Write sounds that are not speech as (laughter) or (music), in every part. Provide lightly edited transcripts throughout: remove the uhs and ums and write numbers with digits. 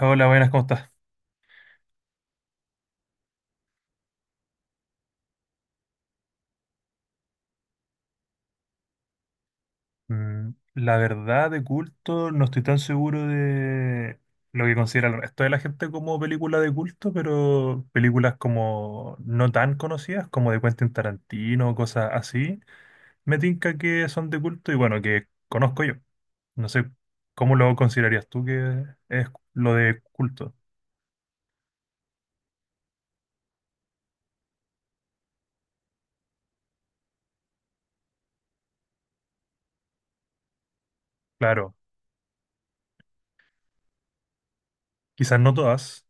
Hola, buenas, ¿cómo estás? La verdad, de culto, no estoy tan seguro de lo que considera el resto de la gente como película de culto, pero películas como no tan conocidas, como de Quentin Tarantino, cosas así, me tinca que son de culto y bueno, que conozco yo. No sé, ¿cómo lo considerarías tú que es lo de culto? Claro, quizás no todas.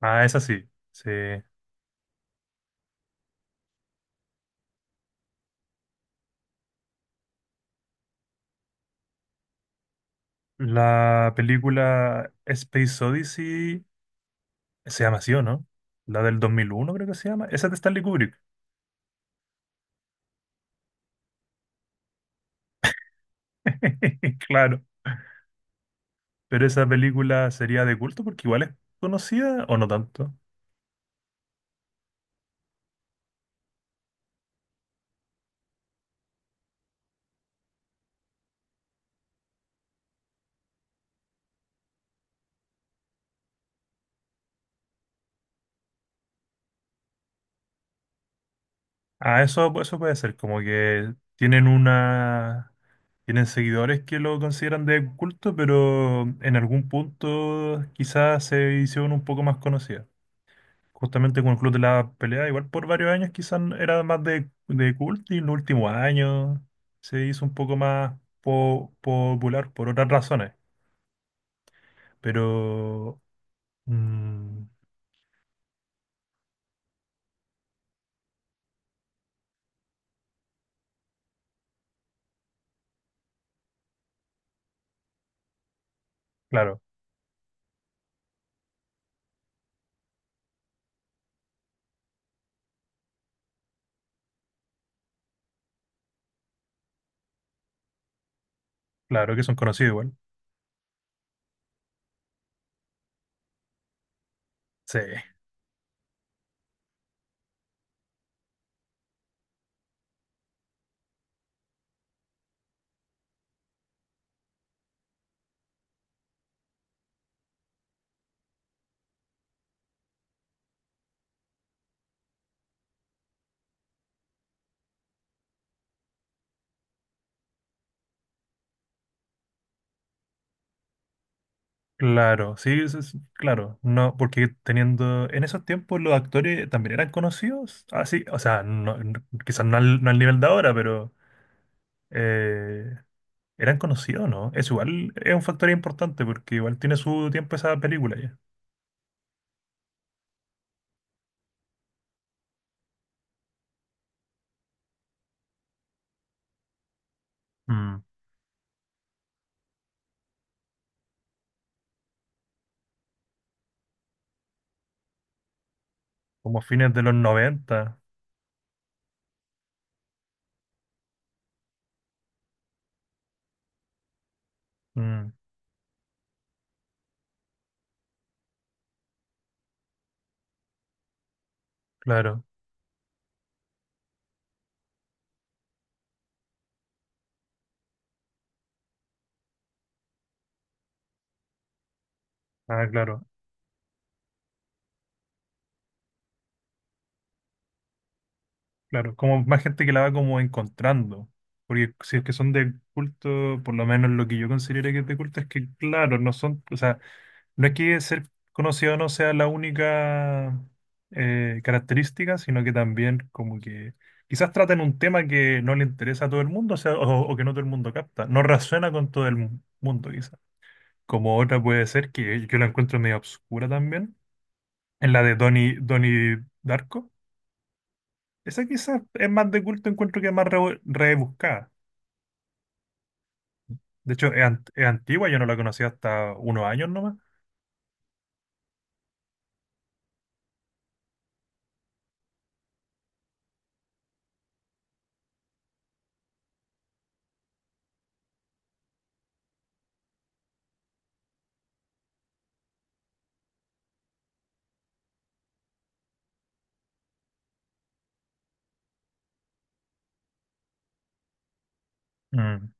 Ah, esa sí, sí. La película Space Odyssey. Se llama así, ¿o no? La del 2001 creo que se llama. Esa es de Stanley Kubrick. (laughs) Claro. Pero esa película sería de culto porque igual es conocida o no tanto. Ah, eso puede ser. Como que tienen una... Tienen seguidores que lo consideran de culto, pero en algún punto quizás se hicieron un poco más conocidas. Justamente con el Club de la Pelea, igual por varios años quizás era más de culto y en los últimos años se hizo un poco más popular por otras razones. Pero, mm, claro, claro que son conocidos igual. Sí, claro, sí, sí, sí, claro. No, porque teniendo, en esos tiempos los actores también eran conocidos. Así, o sea, quizás no al, no al nivel de ahora, pero... eh, eran conocidos, ¿no? Eso igual es un factor importante porque igual tiene su tiempo esa película ya. Mm, como fines de los noventa. Mm, claro. Ah, claro. Claro. Como más gente que la va como encontrando. Porque si es que son de culto, por lo menos lo que yo considero que es de culto es que, claro, no son, o sea, no es que ser conocido no sea la única característica, sino que también como que quizás traten un tema que no le interesa a todo el mundo, o sea, o que no todo el mundo capta, no resuena con todo el mundo quizás. Como otra puede ser que yo la encuentro medio obscura también, en la de Donnie Darko. Esa quizás es más de culto, encuentro que es más rebuscada. De hecho, es, es antigua, yo no la conocía hasta unos años nomás. Mm.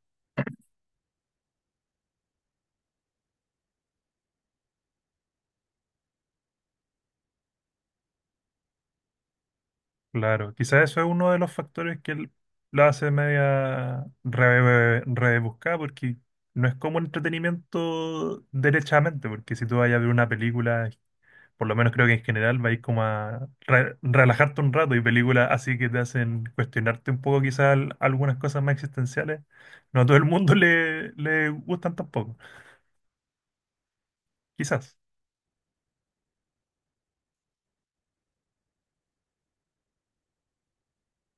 Claro, quizás eso es uno de los factores que la hace media rebuscada, porque no es como entretenimiento derechamente, porque si tú vas a ver una película, por lo menos creo que en general vais como a relajarte un rato y películas así que te hacen cuestionarte un poco quizás algunas cosas más existenciales, no a todo el mundo (laughs) le gustan tampoco, quizás.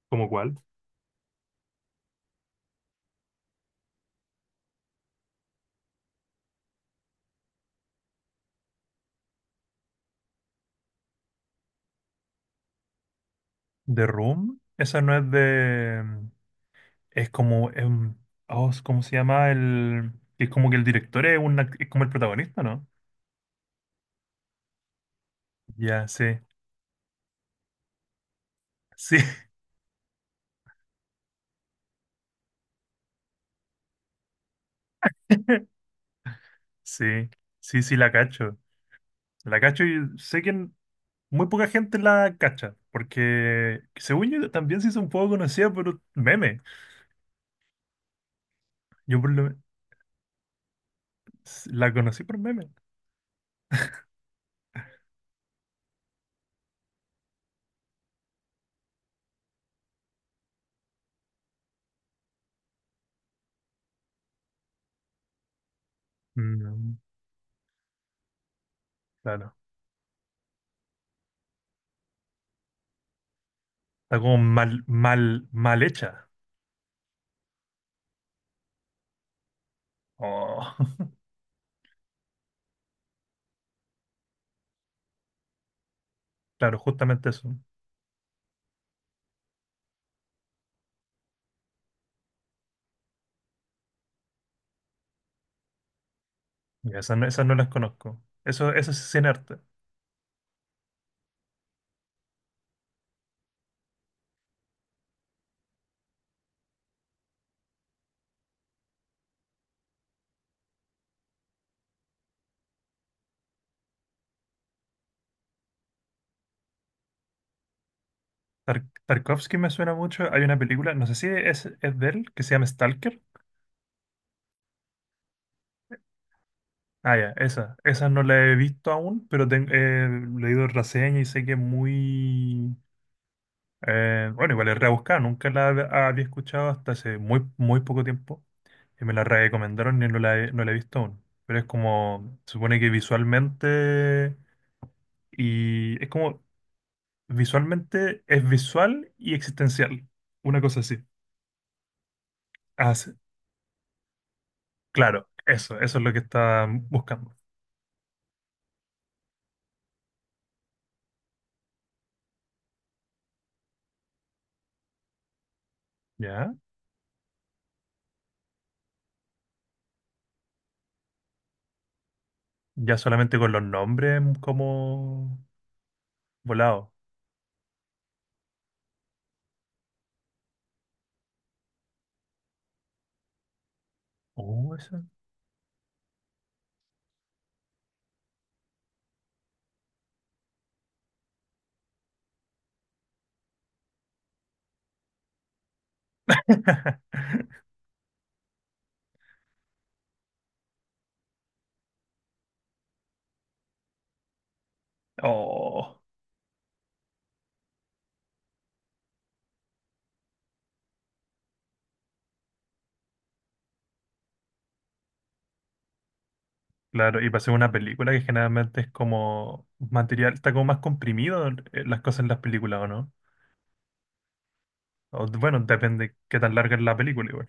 ¿Como cuál? The Room, esa no es de... Es como, es oh, ¿cómo se llama? El, es como que el director es, un es como el protagonista, ¿no? Ya, sí, sí, (laughs) sí, sí, sí, la cacho. La cacho y sé que muy poca gente la cacha, porque según yo también se hizo un poco conocida por meme. Yo por lo men- la conocí por meme. Mm, claro, está como mal, mal, mal hecha. Oh, (laughs) claro, justamente eso. Ya, esas no, esas no las conozco. Eso sí es sin arte. Tarkovsky me suena mucho. Hay una película, no sé si es de él, que se llama Stalker. Ah, ya, esa. Esa no la he visto aún, pero he leído reseña y sé que es muy... bueno, igual es rebuscada, nunca la había escuchado hasta hace muy, muy poco tiempo. Y me la recomendaron y no la he visto aún. Pero es como, se supone que visualmente... Y es como, visualmente es visual y existencial. Una cosa así. Ah, sí. Claro, eso es lo que está buscando. ¿Ya? Ya solamente con los nombres como volado. Oh, eso. (laughs) Oh, claro, y para hacer una película que generalmente es como material, está como más comprimido las cosas en las películas, ¿o no? O, bueno, depende qué tan larga es la película igual.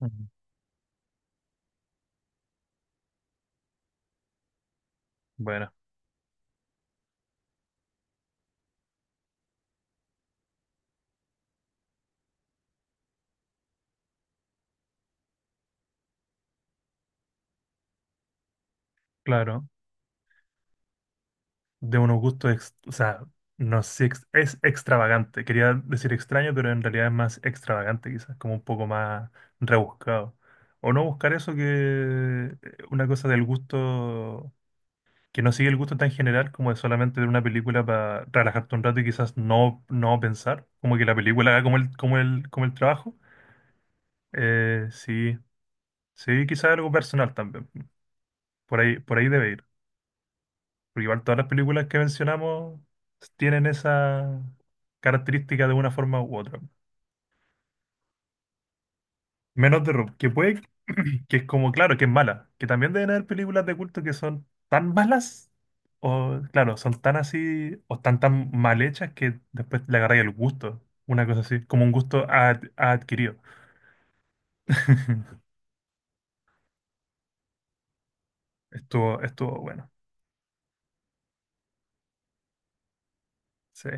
Ujú. Bueno, claro. De unos gustos, o sea, no sé, si es extravagante. Quería decir extraño, pero en realidad es más extravagante, quizás, como un poco más rebuscado. O no buscar eso que una cosa del gusto, que no sigue el gusto tan general como de solamente ver una película para relajarte un rato y quizás no, no pensar, como que la película haga como el, como el, como el trabajo. Sí, sí, quizás algo personal también. Por ahí debe ir. Porque igual todas las películas que mencionamos tienen esa característica de una forma u otra. Menos The Room, que puede, (clears throat) que es como, claro, que es mala. Que también deben haber películas de culto que son tan malas, o claro, son tan así, o están tan mal hechas que después le agarráis el gusto. Una cosa así, como un gusto adquirido. (laughs) Estuvo, estuvo bueno. Sí.